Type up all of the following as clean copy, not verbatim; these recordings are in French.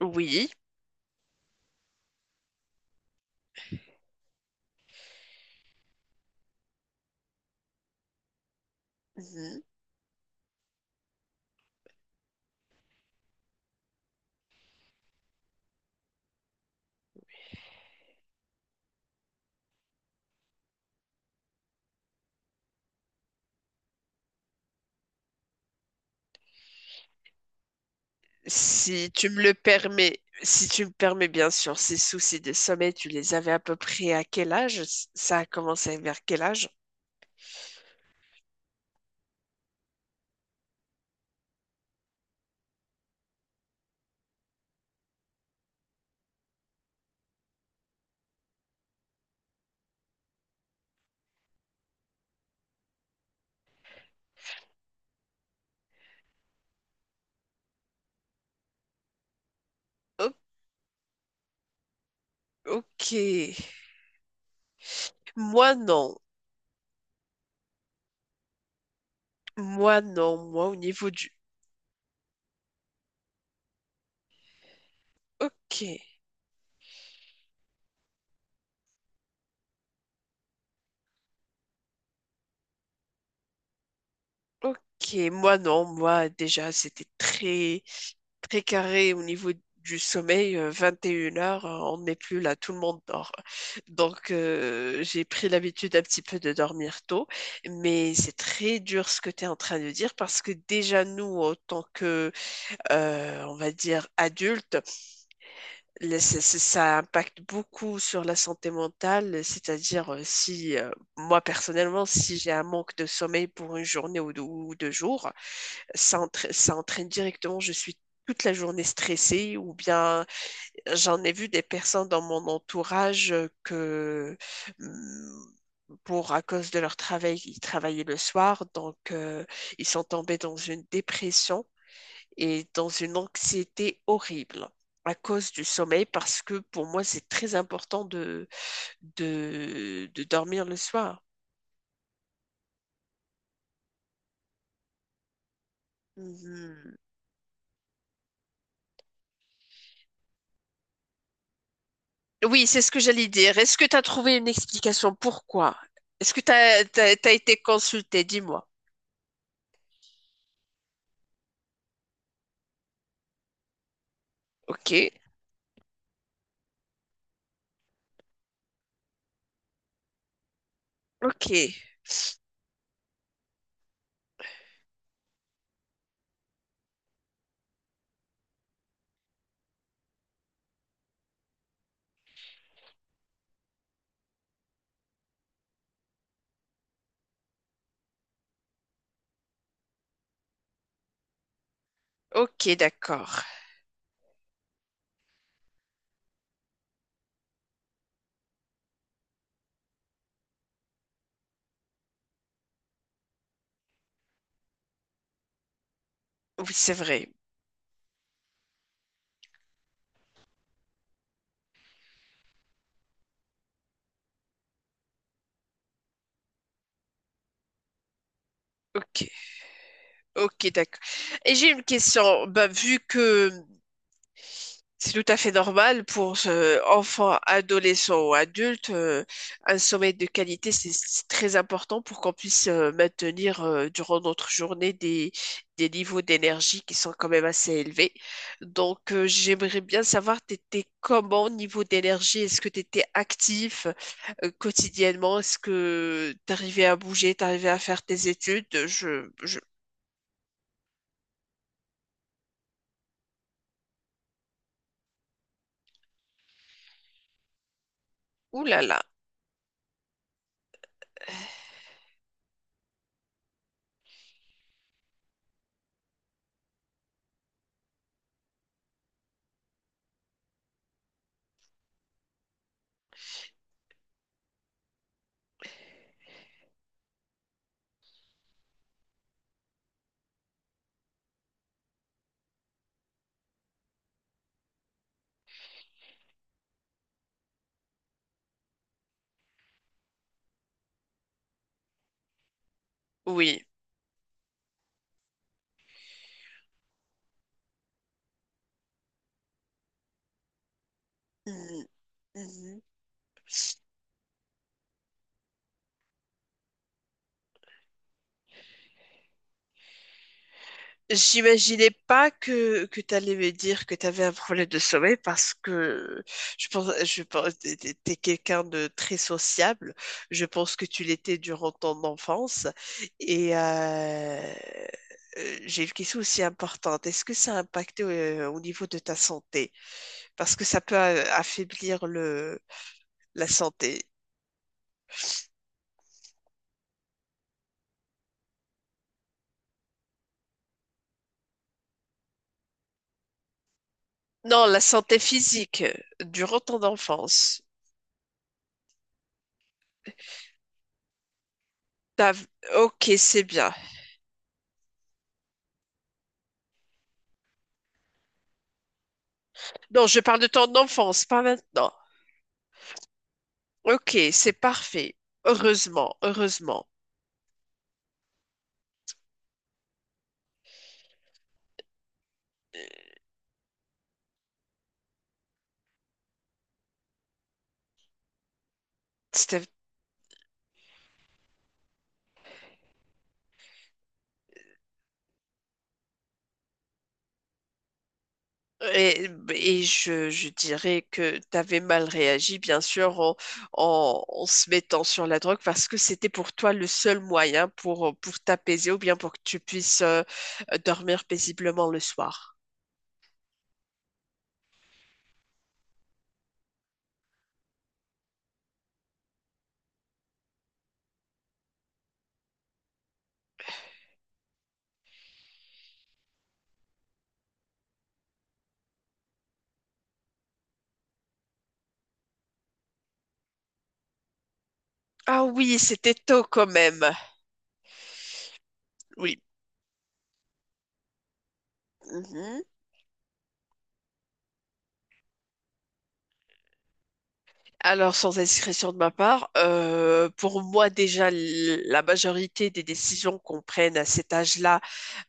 Oui. Mhm. Si tu me le permets, si tu me permets bien sûr, ces soucis de sommeil, tu les avais à peu près à quel âge? Ça a commencé vers quel âge? O- ok. Moi non. Moi non. Moi au niveau du... Ok. Ok. Moi non. Moi déjà, c'était très... très carré au niveau du sommeil, 21 heures, on n'est plus là, tout le monde dort. Donc, j'ai pris l'habitude un petit peu de dormir tôt, mais c'est très dur ce que tu es en train de dire parce que déjà, nous, en tant que, on va dire, adultes, ça impacte beaucoup sur la santé mentale, c'est-à-dire si, moi personnellement, si j'ai un manque de sommeil pour une journée ou deux jours, ça, ça entraîne directement, je suis toute la journée stressée ou bien j'en ai vu des personnes dans mon entourage que hum, pour à cause de leur travail, ils travaillaient le soir, donc ils sont tombés dans une dépression et dans une anxiété horrible à cause du sommeil parce que pour moi c'est très important de, de dormir le soir. Mmh. Oui, c'est ce que j'allais dire. Est-ce que tu as trouvé une explication? Pourquoi? Est-ce que tu as, été consulté? Dis-moi. Ok, ok, ok, d'accord. Oui, c'est vrai. Ok, ok, d'accord. Et j'ai une question. Bah, vu que c'est tout à fait normal pour enfants, adolescents ou adultes. Un sommeil de qualité, c'est très important pour qu'on puisse maintenir durant notre journée des niveaux d'énergie qui sont quand même assez élevés. Donc, j'aimerais bien savoir, t'étais comment au niveau d'énergie? Est-ce que tu étais actif quotidiennement? Est-ce que tu arrivais à bouger, tu arrivais à faire tes études? Ouh là là, oui. Mhm. J'imaginais pas que tu allais me dire que tu avais un problème de sommeil parce que je pense, t'es quelqu'un de très sociable. Je pense que tu l'étais durant ton enfance. Et j'ai une question aussi importante. Est-ce que ça a impacté au niveau de ta santé? Parce que ça peut affaiblir le, la santé. Non, la santé physique durant ton enfance. T'as- Ok, c'est bien. Non, je parle de ton enfance, pas maintenant. Ok, c'est parfait. Heureusement, heureusement. C'était- Et, je dirais que tu avais mal réagi, bien sûr, en se mettant sur la drogue, parce que c'était pour toi le seul moyen pour t'apaiser ou bien pour que tu puisses dormir paisiblement le soir. Ah oui, c'était tôt quand même. Oui. Mhm. Alors, sans indiscrétion de ma part, pour moi déjà, la majorité des décisions qu'on prenne à cet âge-là,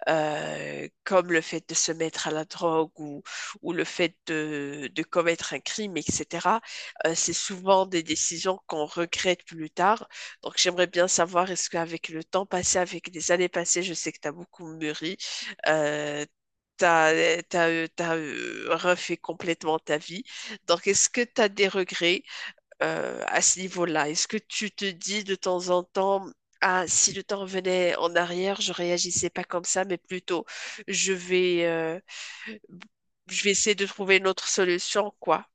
comme le fait de se mettre à la drogue ou le fait de commettre un crime, etc., c'est souvent des décisions qu'on regrette plus tard. Donc j'aimerais bien savoir, est-ce qu'avec le temps passé, avec les années passées, je sais que tu as beaucoup mûri, euh, t'as refait complètement ta vie. Donc, est-ce que tu as des regrets à ce niveau-là? Est-ce que tu te dis de temps en temps, ah, si le temps revenait en arrière, je réagissais pas comme ça, mais plutôt, je vais, euh, je vais essayer de trouver une autre solution, quoi.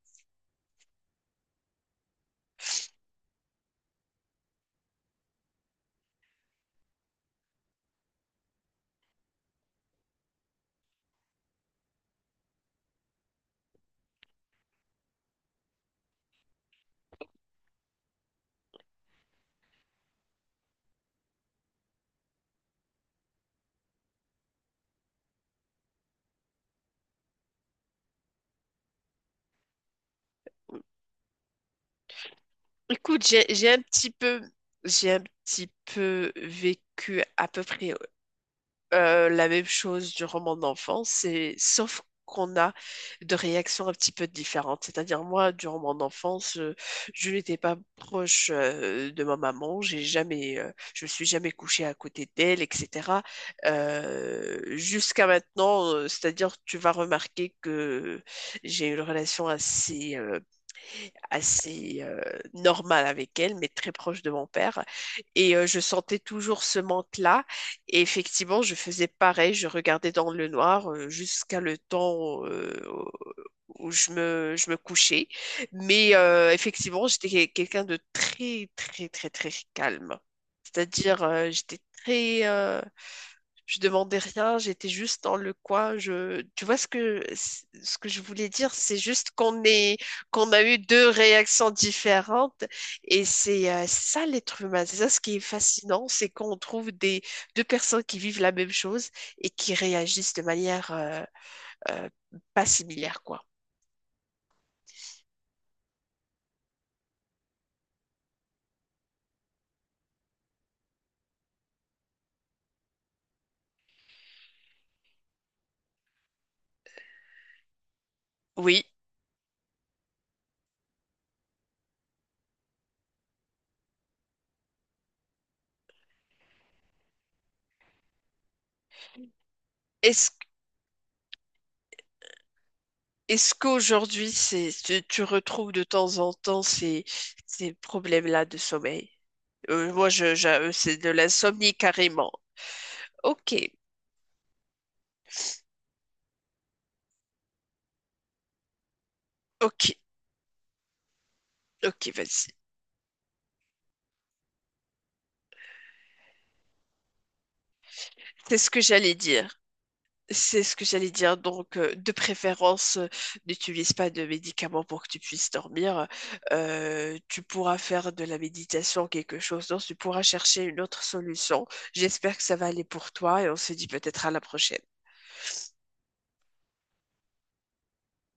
Écoute, j'ai un petit peu, j'ai un petit peu vécu à peu près la même chose du roman d'enfance, c'est sauf qu'on a de réactions un petit peu différentes. C'est-à-dire moi, du roman d'enfance, je n'étais pas proche de ma maman, j'ai jamais, je me suis jamais couchée à côté d'elle, etc. Jusqu'à maintenant, c'est-à-dire tu vas remarquer que j'ai une relation assez normale avec elle, mais très proche de mon père. Et je sentais toujours ce manque-là. Et effectivement, je faisais pareil, je regardais dans le noir jusqu'à le temps je me couchais. Mais effectivement, j'étais quelqu'un de très, très, très, très calme. C'est-à-dire, j'étais très... je demandais rien, j'étais juste dans le coin. Je, tu vois ce que je voulais dire, c'est juste qu'on est qu'on a eu deux réactions différentes. Et c'est ça l'être humain. C'est ça ce qui est fascinant, c'est qu'on trouve des, deux personnes qui vivent la même chose et qui réagissent de manière euh, pas similaire, quoi. Oui. Est-ce, est-ce qu'aujourd'hui, c'est, tu retrouves de temps en temps ces, ces problèmes-là de sommeil? Moi, c'est de l'insomnie carrément. Ok, ok, ok, vas-y. C'est ce que j'allais dire. C'est ce que j'allais dire. Donc, de préférence, n'utilise pas de médicaments pour que tu puisses dormir. Tu pourras faire de la méditation, quelque chose. Donc, tu pourras chercher une autre solution. J'espère que ça va aller pour toi et on se dit peut-être à la prochaine.